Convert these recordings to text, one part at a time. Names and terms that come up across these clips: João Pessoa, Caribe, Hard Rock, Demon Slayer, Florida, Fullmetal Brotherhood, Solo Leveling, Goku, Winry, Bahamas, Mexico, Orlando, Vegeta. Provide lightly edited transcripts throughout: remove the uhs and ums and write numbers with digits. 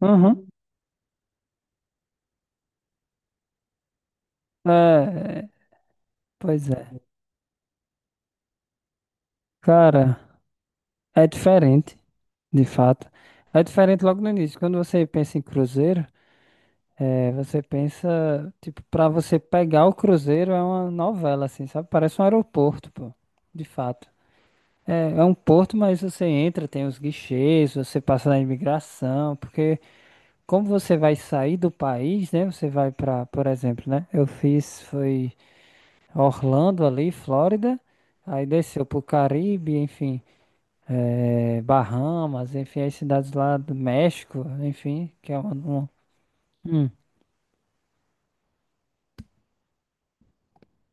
Uhum. É, é, pois é. Cara, é diferente, de fato. É diferente logo no início. Quando você pensa em cruzeiro, você pensa, tipo, pra você pegar o cruzeiro é uma novela, assim, sabe? Parece um aeroporto, pô. De fato. É, é um porto, mas você entra, tem os guichês, você passa na imigração, porque como você vai sair do país, né? Você vai pra, por exemplo, né? Eu fiz, foi. Orlando ali, Flórida, aí desceu pro Caribe, enfim, Bahamas, enfim, as cidades lá do México, enfim, que é uma- Hum,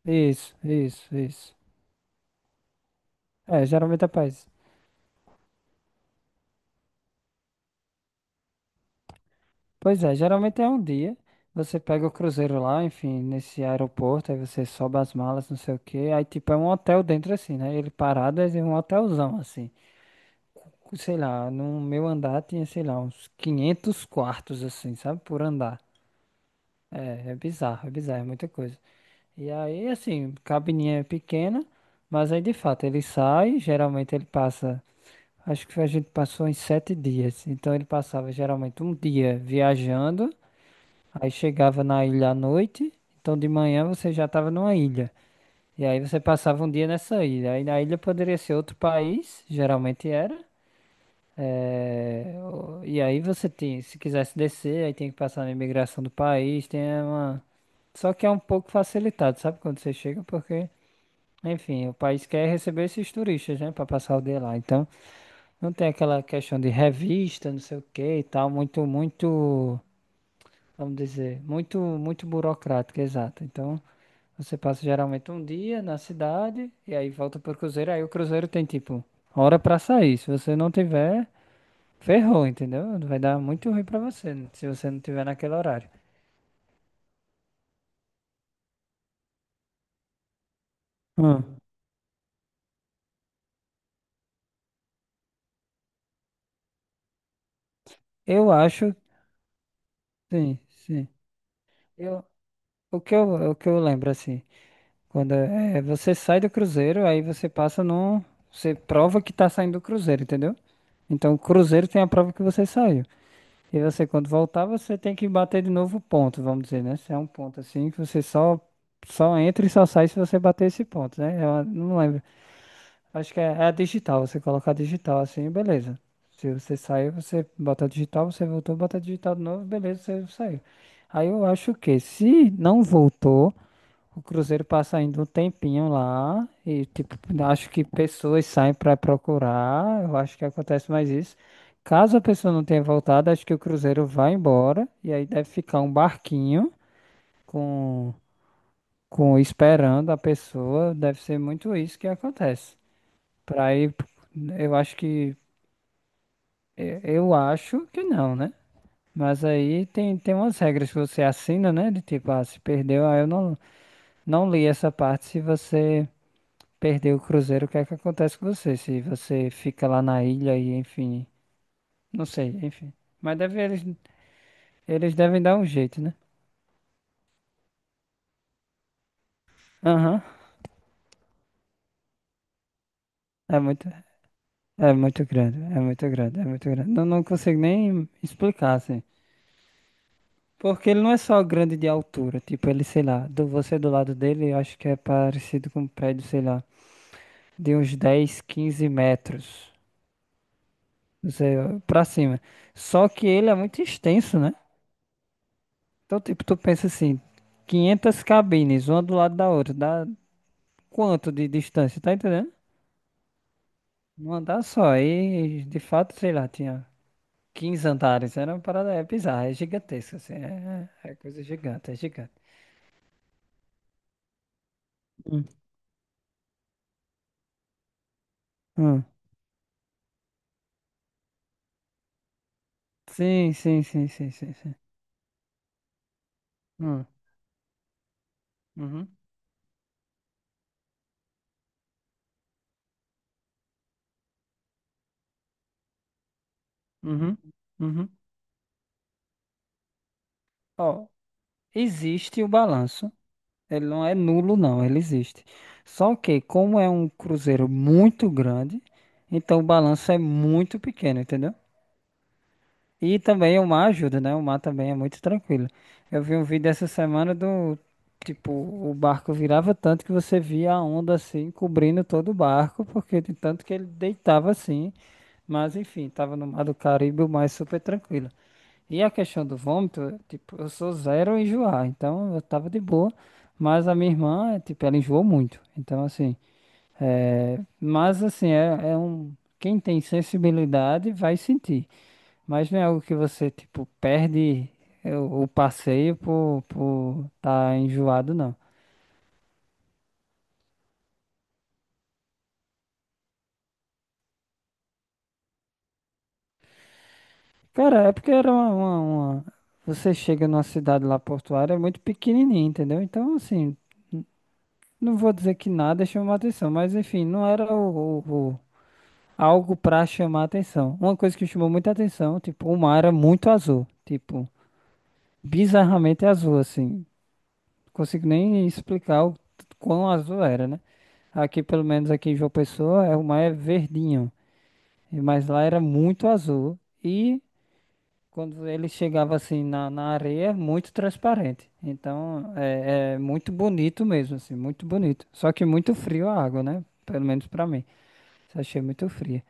isso, isso, isso. É, geralmente é país. Pois é, geralmente é um dia. Você pega o cruzeiro lá, enfim, nesse aeroporto, aí você sobe as malas, não sei o quê. Aí, tipo, é um hotel dentro, assim, né? Ele parado é um hotelzão, assim. Sei lá, no meu andar tinha, sei lá, uns 500 quartos, assim, sabe? Por andar. É bizarro, é bizarro, é muita coisa. E aí, assim, cabininha é pequena, mas aí de fato ele sai, geralmente ele passa, acho que a gente passou em 7 dias. Então ele passava geralmente um dia viajando, aí chegava na ilha à noite, então de manhã você já estava numa ilha. E aí você passava um dia nessa ilha. Aí na ilha poderia ser outro país, geralmente era. É, o- e aí você tem, se quisesse descer, aí tem que passar na imigração do país, tem uma. Só que é um pouco facilitado, sabe, quando você chega, porque, enfim, o país quer receber esses turistas, né, pra passar o dia lá. Então, não tem aquela questão de revista, não sei o que e tal, muito, muito, vamos dizer, muito, muito burocrática, exato. Então, você passa geralmente um dia na cidade e aí volta pro cruzeiro, aí o cruzeiro tem tipo hora pra sair. Se você não tiver Ferrou, entendeu? Vai dar muito ruim pra você, né, se você não tiver naquele horário. Ah, eu acho, sim, sim. Eu, o que eu lembro assim, quando é, você sai do cruzeiro, aí você passa num, você prova que tá saindo do cruzeiro, entendeu? Então o cruzeiro tem a prova que você saiu. E você quando voltar, você tem que bater de novo o ponto, vamos dizer, né? Se é um ponto assim que você só entra e só sai se você bater esse ponto, né? Eu não lembro. Acho que é, é a digital, você colocar digital assim, beleza. Se você saiu, você bota digital, você voltou, bota digital de novo, beleza, você saiu. Aí eu acho que se não voltou, o Cruzeiro passa ainda um tempinho lá e tipo, acho que pessoas saem para procurar, eu acho que acontece mais isso. Caso a pessoa não tenha voltado, acho que o Cruzeiro vai embora e aí deve ficar um barquinho com com esperando a pessoa, deve ser muito isso que acontece. Pra aí, eu acho que. Eu acho que não, né? Mas aí tem, tem umas regras que você assina, né? De tipo, ah, se perdeu, ah, eu não li essa parte. Se você perdeu o cruzeiro, o que é que acontece com você? Se você fica lá na ilha e, enfim. Não sei, enfim. Mas deve, eles devem dar um jeito, né? Aham. É muito, é muito grande, é muito grande, é muito grande. Não, não consigo nem explicar, assim. Porque ele não é só grande de altura, tipo, ele, sei lá, do, você do lado dele, eu acho que é parecido com um prédio, sei lá, de uns 10 15 metros, não sei, pra cima. Só que ele é muito extenso, né? Então, tipo, tu pensa assim, 500 cabines, uma do lado da outra, dá quanto de distância, tá entendendo? Um andar só, aí, de fato, sei lá, tinha 15 andares, era uma parada, é bizarra, é gigantesca, assim, é coisa gigante, é gigante. Hum. Hum. Sim, sim, sim, sim, sim, sim. Hum. Uhum, uhum, uhum. Ó, existe o balanço. Ele não é nulo, não, ele existe. Só que, como é um cruzeiro muito grande, então o balanço é muito pequeno, entendeu? E também o mar ajuda, né? O mar também é muito tranquilo. Eu vi um vídeo essa semana do tipo, o barco virava tanto que você via a onda assim cobrindo todo o barco, porque de tanto que ele deitava assim. Mas enfim, tava no mar do Caribe, o mar é super tranquilo. E a questão do vômito, tipo, eu sou zero a enjoar, então eu tava de boa. Mas a minha irmã, tipo, ela enjoou muito. Então, assim, é... mas assim, é um. Quem tem sensibilidade vai sentir. Mas não é algo que você, tipo, perde o passeio por tá enjoado, não. Cara, é porque era uma- Você chega numa cidade lá portuária, é muito pequenininha, entendeu? Então, assim, n- não vou dizer que nada chamou a atenção, mas enfim, não era o- o- algo pra chamar atenção. Uma coisa que chamou muita atenção, tipo, o mar era muito azul, tipo, bizarramente azul, assim. Não consigo nem explicar o quão azul era, né? Aqui, pelo menos aqui em João Pessoa, é, o mar é verdinho, mas lá era muito azul e quando ele chegava assim na areia, muito transparente. Então, é muito bonito mesmo, assim, muito bonito. Só que muito frio a água, né? Pelo menos pra mim. Achei muito fria.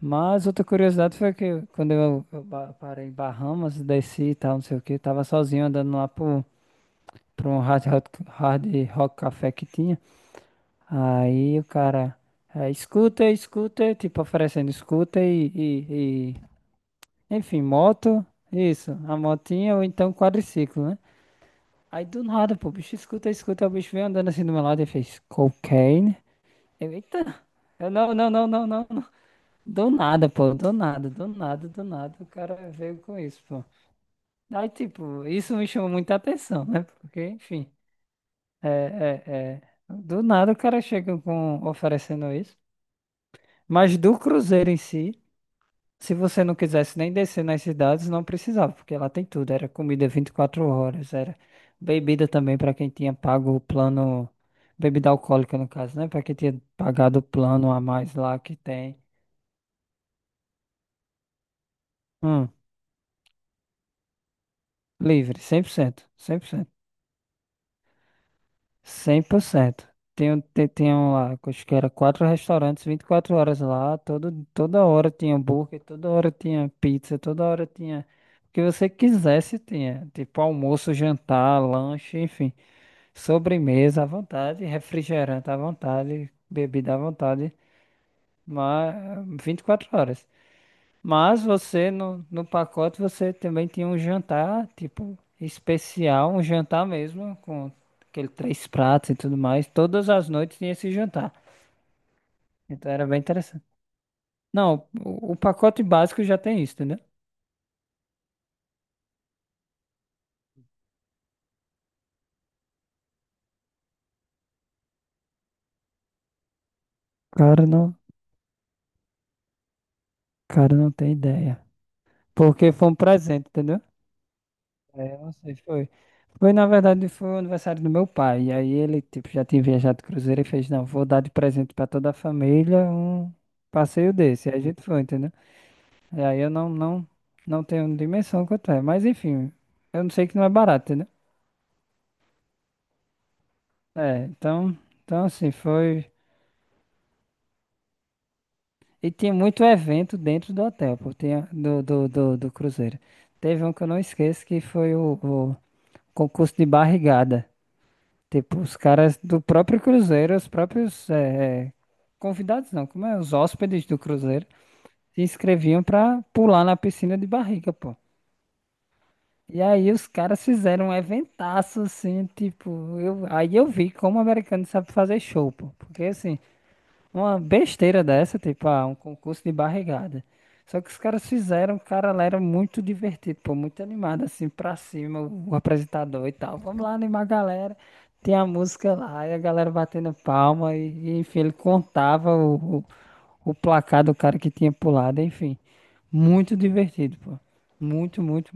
Mas outra curiosidade foi que quando parei em Bahamas, desci e tal, não sei o que, tava sozinho andando lá pro, um hard rock café que tinha. Aí o cara, escuta, escuta, tipo oferecendo escuta enfim, moto, isso, a motinha ou então quadriciclo, né? Aí do nada, pô, o bicho escuta, escuta, o bicho vem andando assim do meu lado e fez cocaine. Eu, eita, eu não, não, não, não, não. Do nada, pô, do nada, do nada, do nada, o cara veio com isso, pô. Aí, tipo, isso me chamou muita atenção, né? Porque, enfim, é, é, é, do nada o cara chega com oferecendo isso. Mas do Cruzeiro em si, se você não quisesse nem descer nas cidades, não precisava, porque lá tem tudo, era comida 24 horas, era bebida também para quem tinha pago o plano, bebida alcoólica no caso, né? Para quem tinha pagado o plano a mais lá que tem. Hum, livre, 100%. 100%. 100%. Tenho, tenho lá, acho que era quatro restaurantes, 24 horas lá, todo, toda hora tinha hambúrguer, toda hora tinha pizza, toda hora tinha o que você quisesse, tinha. Tipo almoço, jantar, lanche, enfim, sobremesa à vontade, refrigerante à vontade, bebida à vontade, mas 24 horas. Mas você, no pacote, você também tinha um jantar, tipo, especial, um jantar mesmo, com aquele três pratos e tudo mais. Todas as noites tinha esse jantar. Então era bem interessante. Não, o pacote básico já tem isso, entendeu? Cara, não, cara, não tem ideia. Porque foi um presente, entendeu? É, eu não sei, foi. Foi, na verdade, foi o aniversário do meu pai. E aí ele, tipo, já tinha viajado de cruzeiro e fez, não, vou dar de presente pra toda a família um passeio desse. E a gente foi, entendeu? E aí eu não tenho dimensão quanto é. Mas enfim, eu não sei que não é barato, entendeu? É, então assim, foi. E tinha muito evento dentro do hotel, pô, tinha do cruzeiro. Teve um que eu não esqueço que foi o concurso de barrigada. Tipo, os caras do próprio cruzeiro, os próprios convidados não, como é? Os hóspedes do cruzeiro se inscreviam pra pular na piscina de barriga, pô. E aí os caras fizeram um eventaço, assim, tipo, eu, aí eu vi como o americano sabe fazer show, pô. Porque, assim, uma besteira dessa, tipo, ah, um concurso de barrigada. Só que os caras fizeram, cara, lá era muito divertido, pô, muito animado, assim, pra cima, o apresentador e tal. Vamos lá animar a galera. Tem a música lá, e a galera batendo palma, enfim, ele contava o placar do cara que tinha pulado, enfim. Muito divertido, pô. Muito, muito.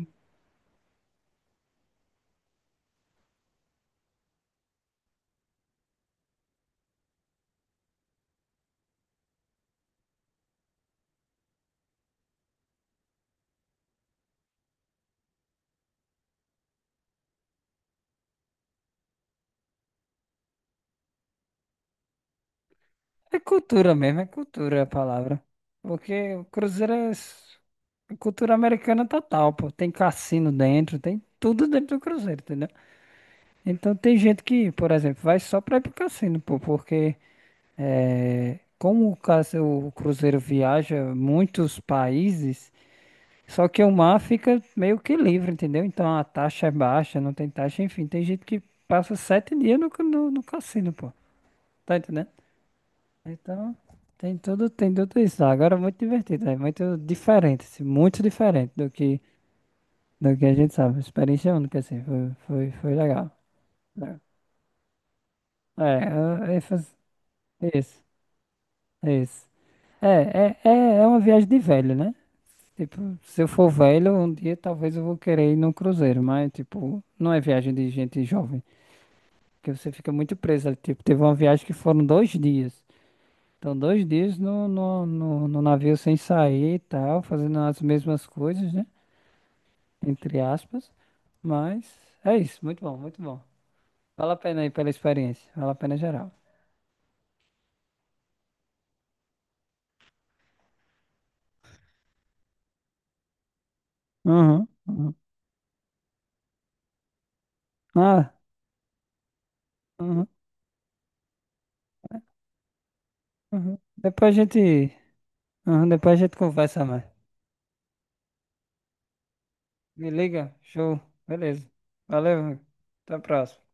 É cultura mesmo, é cultura a palavra. Porque o Cruzeiro é cultura americana é total, pô. Tem cassino dentro, tem tudo dentro do Cruzeiro, entendeu? Então tem gente que, por exemplo, vai só pra ir pro cassino, pô, porque é, como o Cruzeiro viaja muitos países, só que o mar fica meio que livre, entendeu? Então a taxa é baixa, não tem taxa, enfim, tem gente que passa 7 dias no cassino, pô. Tá entendendo? Então, tem tudo isso. Agora é muito divertido, é muito diferente, assim, muito diferente do que a gente sabe. Experiência única, assim, foi, foi, foi legal. É, é, é é, faz- isso, isso. É uma viagem de velho, né? Tipo, se eu for velho, um dia talvez eu vou querer ir num cruzeiro, mas, tipo, não é viagem de gente jovem, porque você fica muito preso ali. Tipo, teve uma viagem que foram 2 dias. Então, 2 dias no navio sem sair e tal, fazendo as mesmas coisas, né? Entre aspas. Mas é isso, muito bom, muito bom. Vale a pena aí pela experiência, vale a pena geral. Uhum, uhum. Ah, uhum, uhum. Depois a gente conversa mais. Me liga, show, beleza. Valeu, amigo. Até a próxima.